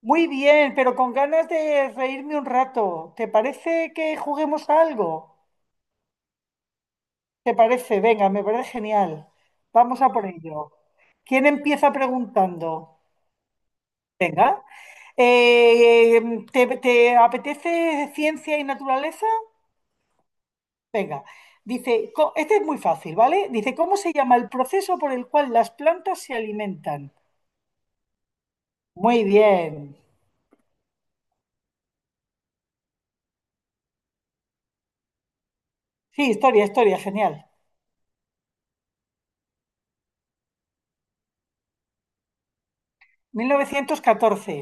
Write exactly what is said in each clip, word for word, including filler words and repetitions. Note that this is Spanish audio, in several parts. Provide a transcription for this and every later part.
Muy bien, pero con ganas de reírme un rato. ¿Te parece que juguemos a algo? ¿Te parece? Venga, me parece genial. Vamos a por ello. ¿Quién empieza preguntando? Venga. Eh, ¿te, te apetece ciencia y naturaleza? Venga. Dice, co- este es muy fácil, ¿vale? Dice, ¿cómo se llama el proceso por el cual las plantas se alimentan? Muy bien. Sí, historia, historia, genial. Mil novecientos catorce.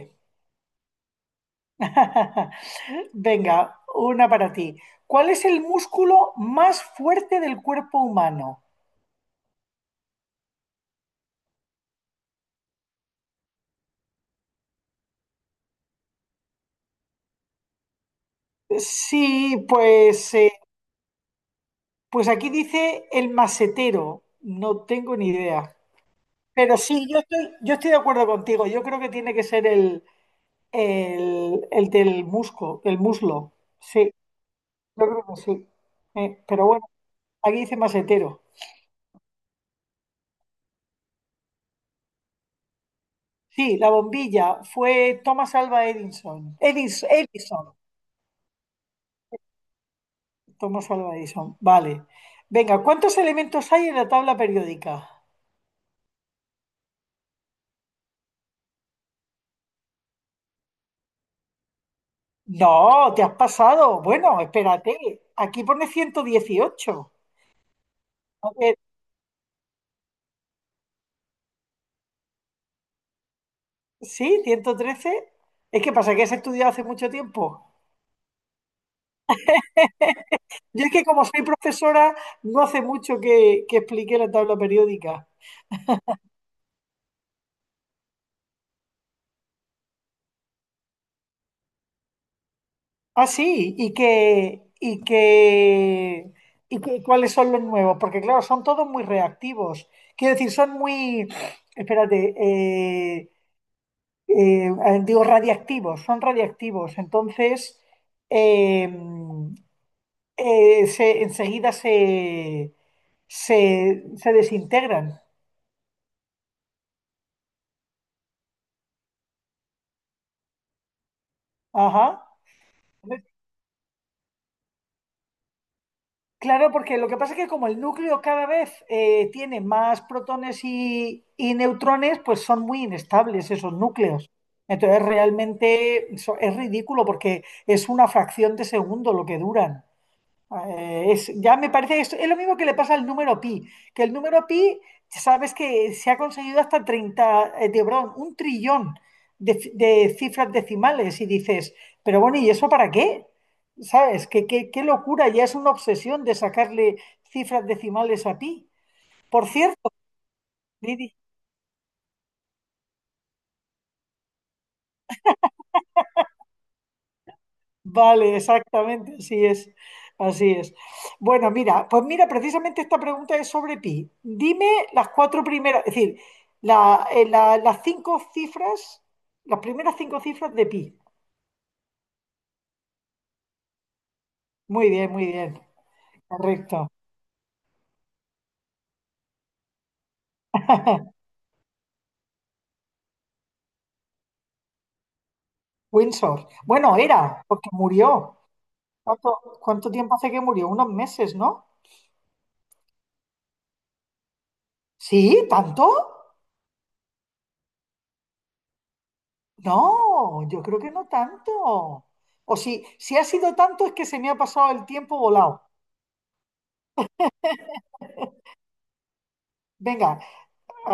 Venga, una para ti. ¿Cuál es el músculo más fuerte del cuerpo humano? Sí, pues, eh, pues aquí dice el masetero. No tengo ni idea. Pero sí, yo estoy, yo estoy de acuerdo contigo. Yo creo que tiene que ser el, el, el del musco, el muslo. Sí, yo creo que sí. Eh, pero bueno, aquí dice masetero. Sí, la bombilla fue Thomas Alva Edison. Edison, Edison. Thomas Alva Edison. Vale. Venga, ¿cuántos elementos hay en la tabla periódica? No, te has pasado. Bueno, espérate. Aquí pone ciento dieciocho. A ver, sí, ciento trece. Es que pasa que has estudiado hace mucho tiempo. Yo es que como soy profesora, no hace mucho que, que expliqué la tabla periódica. Ah, sí, y que, y que, y que- cuáles son los nuevos, porque claro, son todos muy reactivos. Quiero decir, son muy, espérate, eh, eh, eh, digo, radiactivos, son radiactivos. Entonces, eh, eh, se- enseguida se, se, se desintegran. Ajá. Claro, porque lo que pasa es que como el núcleo cada vez eh, tiene más protones y, y neutrones, pues son muy inestables esos núcleos. Entonces, realmente eso es ridículo porque es una fracción de segundo lo que duran. Eh, es- ya me parece, es, es lo mismo que le pasa al número pi, que el número pi, sabes que se ha conseguido hasta treinta eh, de, perdón, un trillón de, ci- de cifras decimales y dices, pero bueno, ¿y eso para qué? ¿Sabes? ¿Qué, qué, qué locura? Ya es una obsesión de sacarle cifras decimales a pi. Por cierto, Lidia. Vale, exactamente, así es, así es. Bueno, mira, pues mira, precisamente esta pregunta es sobre pi. Dime las cuatro primeras, es decir, la- eh, la- las cinco cifras, las primeras cinco cifras de pi. Muy bien, muy bien, correcto. Windsor. Bueno, era, porque murió. ¿Cuánto, cuánto tiempo hace que murió? Unos meses, ¿no? Sí, ¿tanto? No, yo creo que no tanto. O si, si, ha sido tanto es que se me ha pasado el tiempo volado. Venga.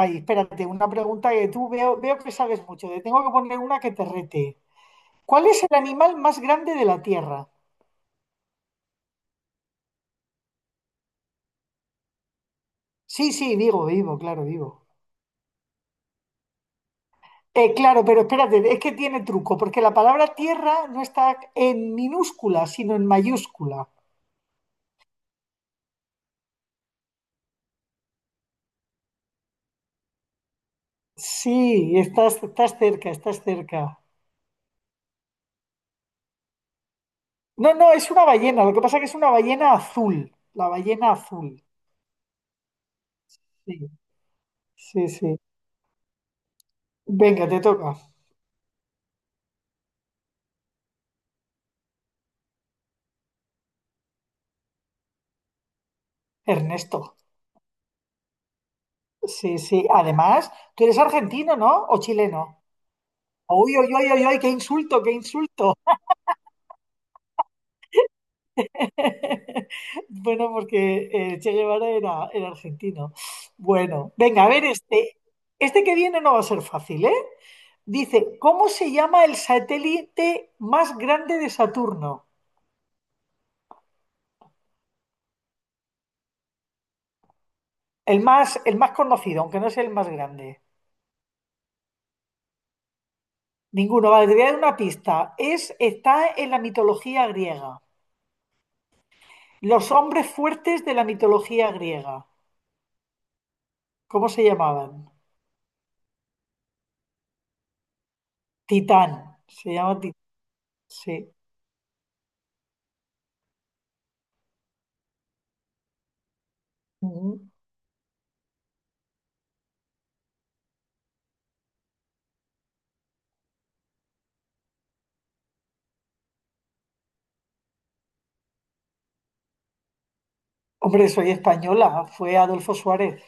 Ay, espérate, una pregunta que tú veo, veo que sabes mucho. Te tengo que poner una que te rete. ¿Cuál es el animal más grande de la Tierra? Sí, sí, digo, vivo, claro, vivo. Eh, claro, pero espérate, es que tiene truco, porque la palabra tierra no está en minúscula, sino en mayúscula. Sí, estás, estás cerca, estás cerca. No, no, es una ballena, lo que pasa es que es una ballena azul, la ballena azul. Sí, sí, sí. Venga, te toca. Ernesto. Sí, sí. Además, tú eres argentino, ¿no? ¿O chileno? Uy, uy, uy, uy, uy, qué insulto, qué insulto. Bueno, porque eh, Che Guevara era, era argentino. Bueno, venga, a ver este. Este que viene no va a ser fácil, ¿eh? Dice, ¿cómo se llama el satélite más grande de Saturno? El más, el más conocido, aunque no es el más grande. Ninguno, vale, te voy a dar una pista. Es, está en la mitología griega. Los hombres fuertes de la mitología griega. ¿Cómo se llamaban? Titán, se llama Titán, sí. Ujú. Hombre, soy española, fue Adolfo Suárez.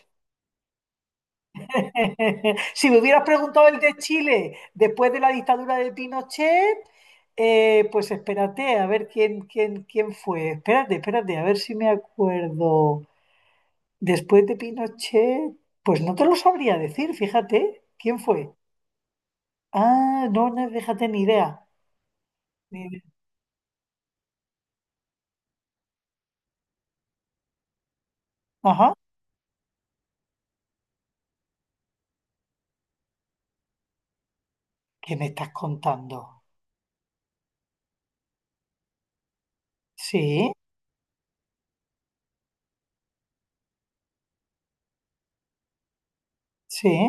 Si me hubieras preguntado el de Chile después de la dictadura de Pinochet, eh, pues espérate, a ver quién, quién, quién fue. Espérate, espérate, a ver si me acuerdo. Después de Pinochet, pues no te lo sabría decir, fíjate, ¿quién fue? Ah, no, no, fíjate, ni idea. Ni idea. Ajá, ¿qué me estás contando? Sí, sí.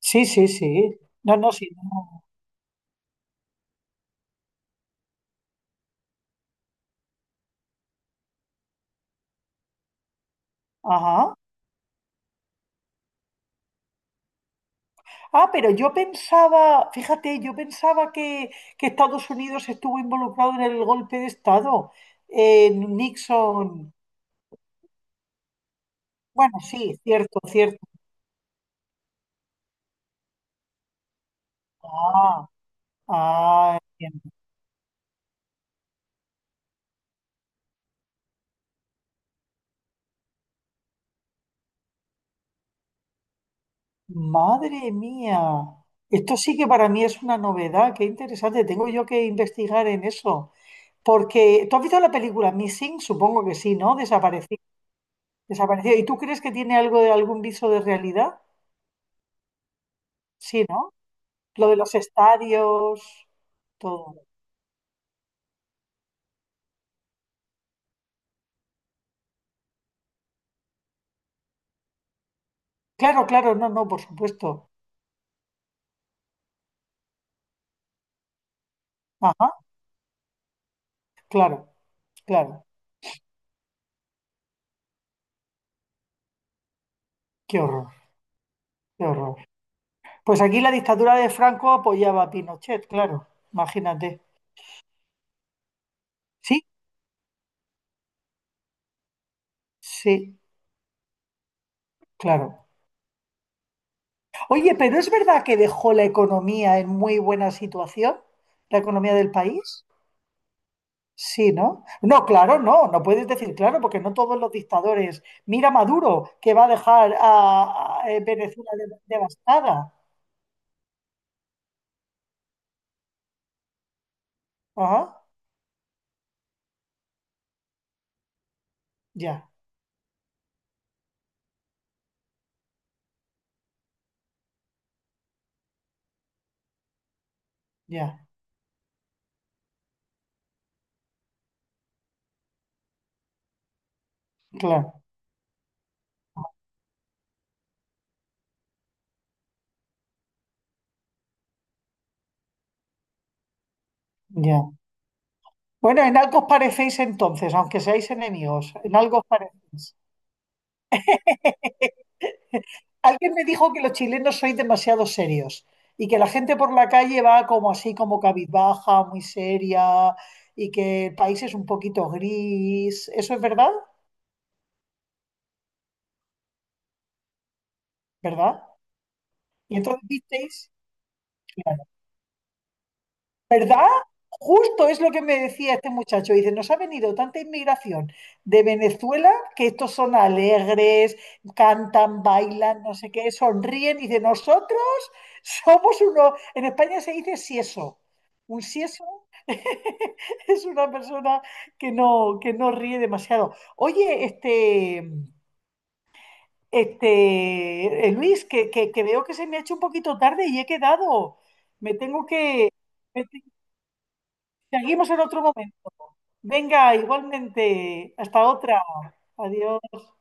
Sí, sí, sí. No, no, sí. No. Ajá. Ah, pero yo pensaba, fíjate, yo pensaba que, que Estados Unidos estuvo involucrado en el golpe de Estado. En Nixon. Bueno, sí, cierto, cierto. Ah, ah, entiendo. Madre mía. Esto sí que para mí es una novedad. Qué interesante. Tengo yo que investigar en eso. Porque, ¿tú has visto la película Missing? Supongo que sí, ¿no? Desapareció. Desapareció. ¿Y tú crees que tiene algo de algún viso de realidad? Sí, ¿no? Lo de los estadios, todo. Claro, claro, no, no, por supuesto. Ajá, claro, claro. Qué horror, qué horror. Pues aquí la dictadura de Franco apoyaba a Pinochet, claro, imagínate. Sí, sí, claro. Oye, pero ¿es verdad que dejó la economía en muy buena situación? ¿La economía del país? Sí, ¿no? No, claro, no, no puedes decir claro, porque no todos los dictadores. Mira Maduro, que va a dejar a, a- a Venezuela de- devastada. Ajá. Ya, ya, claro, ya. Bueno, en algo os parecéis entonces, aunque seáis enemigos, en algo os parecéis. Alguien me dijo que los chilenos sois demasiado serios y que la gente por la calle va como así, como cabizbaja, muy seria y que el país es un poquito gris. ¿Eso es verdad? ¿Verdad? Y entonces visteis. ¿Verdad? Justo es lo que me decía este muchacho. Dice, nos ha venido tanta inmigración de Venezuela que estos son alegres, cantan, bailan, no sé qué, sonríen. Dice, nosotros somos uno, en España se dice sieso. Un sieso es una persona que no, que no ríe demasiado. Oye, este, este, eh, Luis, que, que que veo que se me ha hecho un poquito tarde y he quedado. Me tengo que... Seguimos en otro momento. Venga, igualmente. Hasta otra. Adiós.